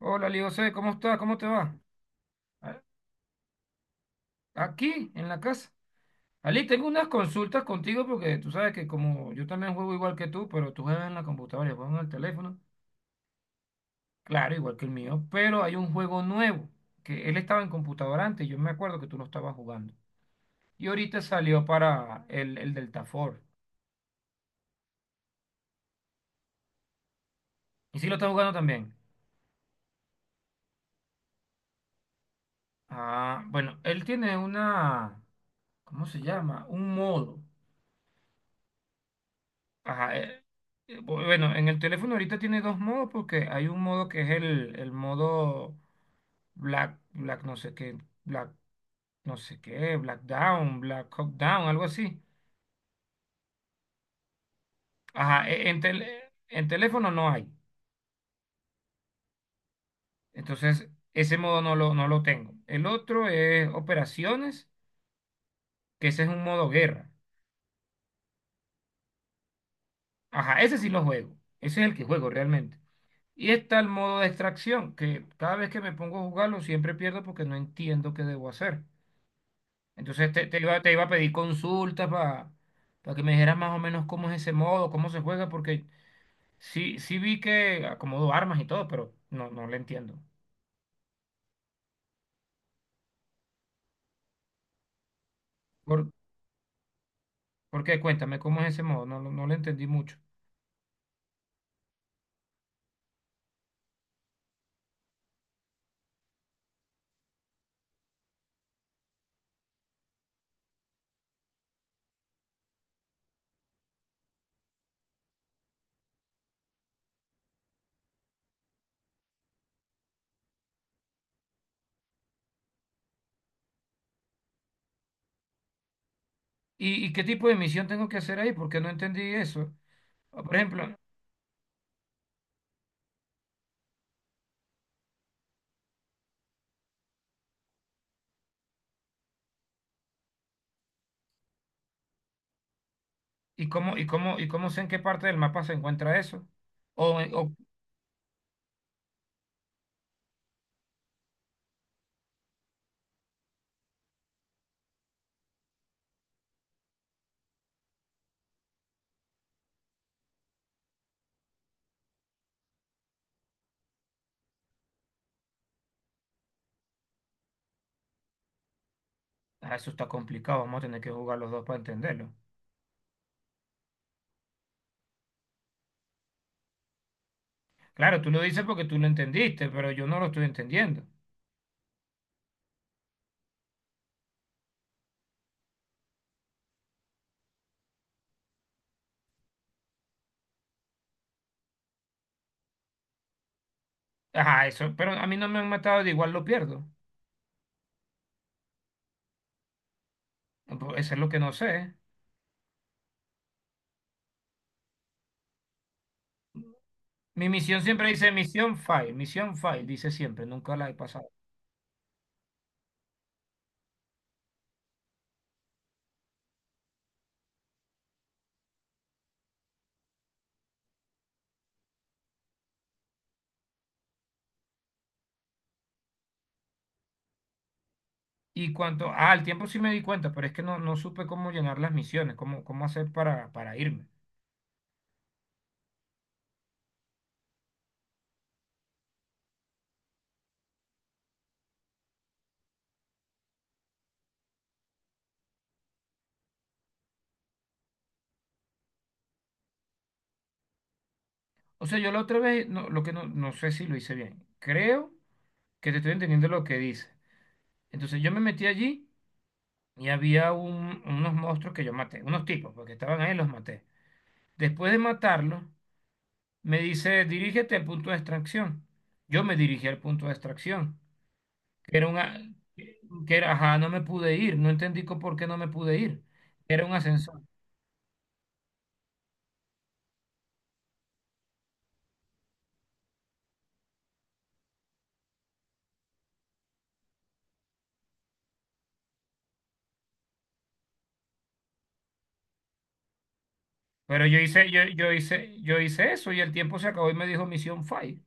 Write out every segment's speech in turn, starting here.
Hola, Leo José, ¿cómo estás? ¿Cómo te va? A- Aquí, en la casa. Ali, tengo unas consultas contigo porque tú sabes que como yo también juego igual que tú, pero tú juegas en la computadora, y yo juego en el teléfono, claro, igual que el mío, pero hay un juego nuevo, que él estaba en computadora antes, yo me acuerdo que tú lo estabas jugando. Y ahorita salió para el Delta Force. ¿Y sí lo estás jugando también? Ah, bueno, él tiene una, ¿cómo se llama? Un modo. Ajá, bueno, en el teléfono ahorita tiene dos modos porque hay un modo que es el modo Black, Black no sé qué, Black Down, Black Hawk Down, algo así. Ajá, en teléfono no hay. Entonces, ese modo no lo tengo. El otro es operaciones, que ese es un modo guerra. Ajá, ese sí lo juego. Ese es el que juego realmente. Y está el modo de extracción, que cada vez que me pongo a jugarlo siempre pierdo porque no entiendo qué debo hacer. Entonces te iba a pedir consultas para que me dijeras más o menos cómo es ese modo, cómo se juega, porque sí, sí vi que acomodó armas y todo, pero no le entiendo. ¿Por, ¿por qué? Cuéntame, ¿cómo es ese modo? No, le entendí mucho. ¿Y qué tipo de misión tengo que hacer ahí? Porque no entendí eso. Por ejemplo, ¿y cómo sé en qué parte del mapa se encuentra eso? O, eh, o- ah, eso está complicado, vamos a tener que jugar los dos para entenderlo. Claro, tú lo dices porque tú lo entendiste, pero yo no lo estoy entendiendo. Ajá, eso, pero a mí no me han matado, de igual lo pierdo. Pues, eso es lo que no sé. Mi misión siempre dice misión fail, dice siempre, nunca la he pasado. Al tiempo sí me di cuenta, pero es que no supe cómo llenar las misiones, cómo hacer para irme. O sea, yo la otra vez, no, lo que no, no sé si lo hice bien. Creo que te estoy entendiendo lo que dice. Entonces yo me metí allí y había unos monstruos que yo maté, unos tipos, porque estaban ahí, los maté. Después de matarlos, me dice, dirígete al punto de extracción. Yo me dirigí al punto de extracción, que era una, que era, ajá, no me pude ir, no entendí por qué no me pude ir. Era un ascensor. Pero yo hice eso y el tiempo se acabó y me dijo misión fail.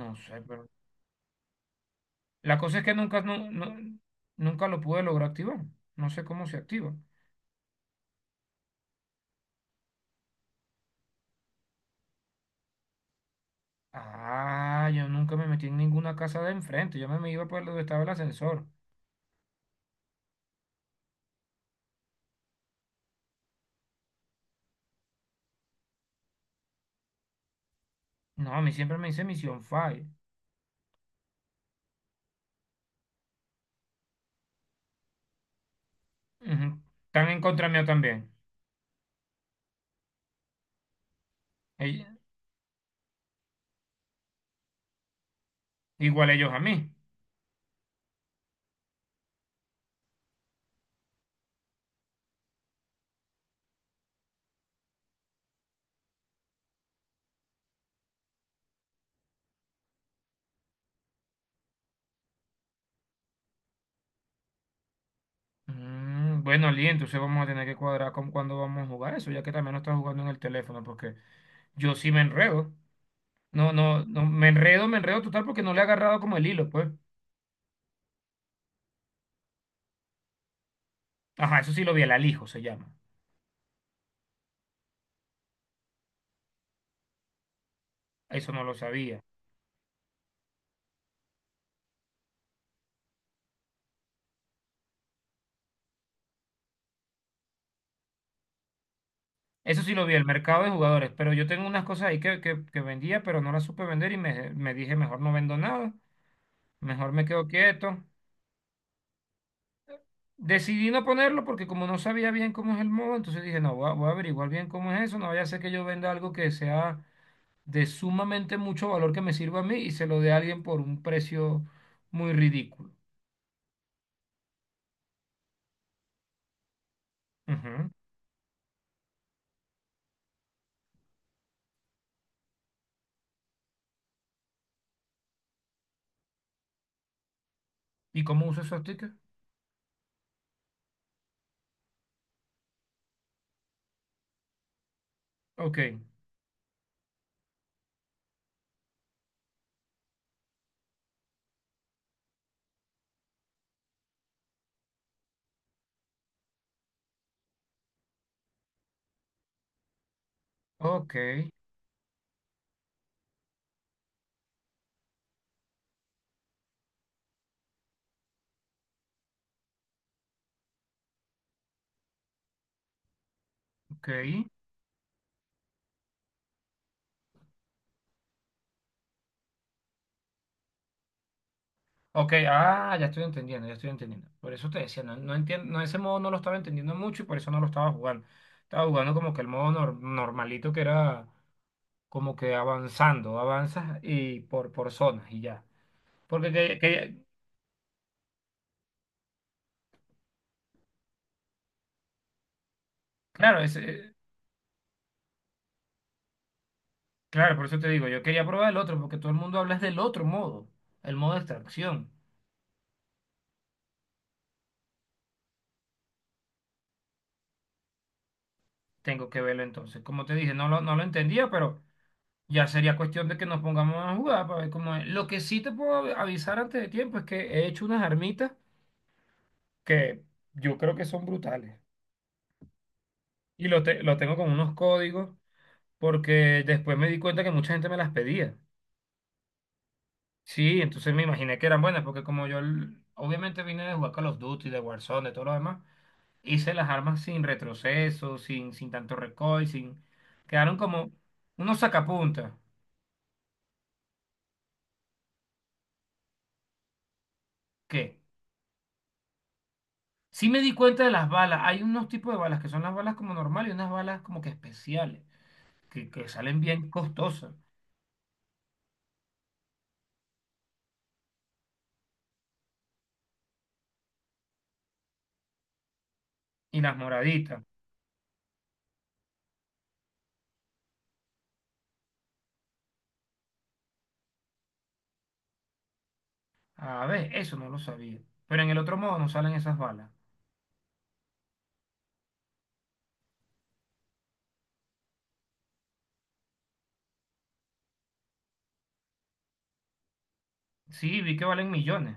No sé, pero la cosa es que nunca, nu- nu- nunca lo pude lograr activar. No sé cómo se activa. Ah, yo nunca me metí en ninguna casa de enfrente. Me iba por donde estaba el ascensor. No, a mí siempre me dice misión fail. Ujú. Están en contra mío también. Ey- Igual ellos a mí. Mm, bueno, Lee, entonces vamos a tener que cuadrar con cuándo vamos a jugar eso, ya que también no estás jugando en el teléfono, porque yo sí me enredo. No, me enredo total porque no le he agarrado como el hilo, pues. Ajá, eso sí lo vi, el alijo se llama. Eso no lo sabía. Eso sí lo vi, el mercado de jugadores, pero yo tengo unas cosas ahí que vendía, pero no las supe vender y me dije, mejor no vendo nada, mejor me quedo quieto. Decidí no ponerlo porque como no sabía bien cómo es el modo, entonces dije, no, voy a averiguar bien cómo es eso, no vaya a ser que yo venda algo que sea de sumamente mucho valor que me sirva a mí y se lo dé a alguien por un precio muy ridículo. Ujú. ¿Y cómo uso esos tickets? Ok, ok, ok. Ok, ah, ya estoy entendiendo, ya estoy entendiendo. Por eso te decía, no, no entiendo, no, ese modo no lo estaba entendiendo mucho y por eso no lo estaba jugando. Estaba jugando como que el modo normalito que era como que avanzando, avanzas por zonas y ya. Porque que- que- claro, claro, por eso te digo, yo quería probar el otro, porque todo el mundo habla es del otro modo, el modo de extracción. Tengo que verlo entonces. Como te dije, no lo entendía, pero ya sería cuestión de que nos pongamos a jugar para ver cómo es. Lo que sí te puedo avisar antes de tiempo es que he hecho unas armitas que yo creo que son brutales. Lo tengo con unos códigos, porque después me di cuenta que mucha gente me las pedía. Sí, entonces me imaginé que eran buenas, porque como yo obviamente vine de jugar Call of Duty, de Warzone, de todo lo demás. Hice las armas sin retroceso, sin tanto recoil, sin... Quedaron como unos sacapuntas. ¿Qué? Sí me di cuenta de las balas. Hay unos tipos de balas que son las balas como normales y unas balas como que especiales, que salen bien costosas. Y las moraditas. A ver, eso no lo sabía. Pero en el otro modo no salen esas balas. Sí, vi que valen millones.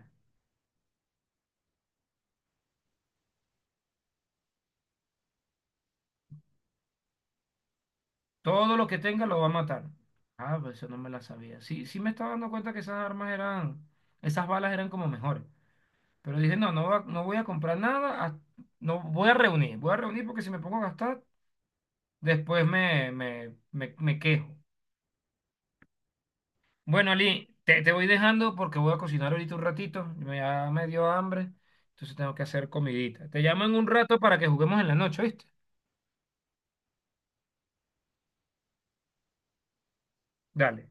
Todo lo que tenga lo va a matar. Ah, pues eso no me la sabía. Sí, sí me estaba dando cuenta que esas armas eran, esas balas eran como mejores. Pero dije, no voy a comprar nada, no voy a reunir, voy a reunir porque si me pongo a gastar, después me quejo. Bueno, Ali, te voy dejando porque voy a cocinar ahorita un ratito, ya me dio hambre, entonces tengo que hacer comidita. Te llamo en un rato para que juguemos en la noche, ¿viste? Dale.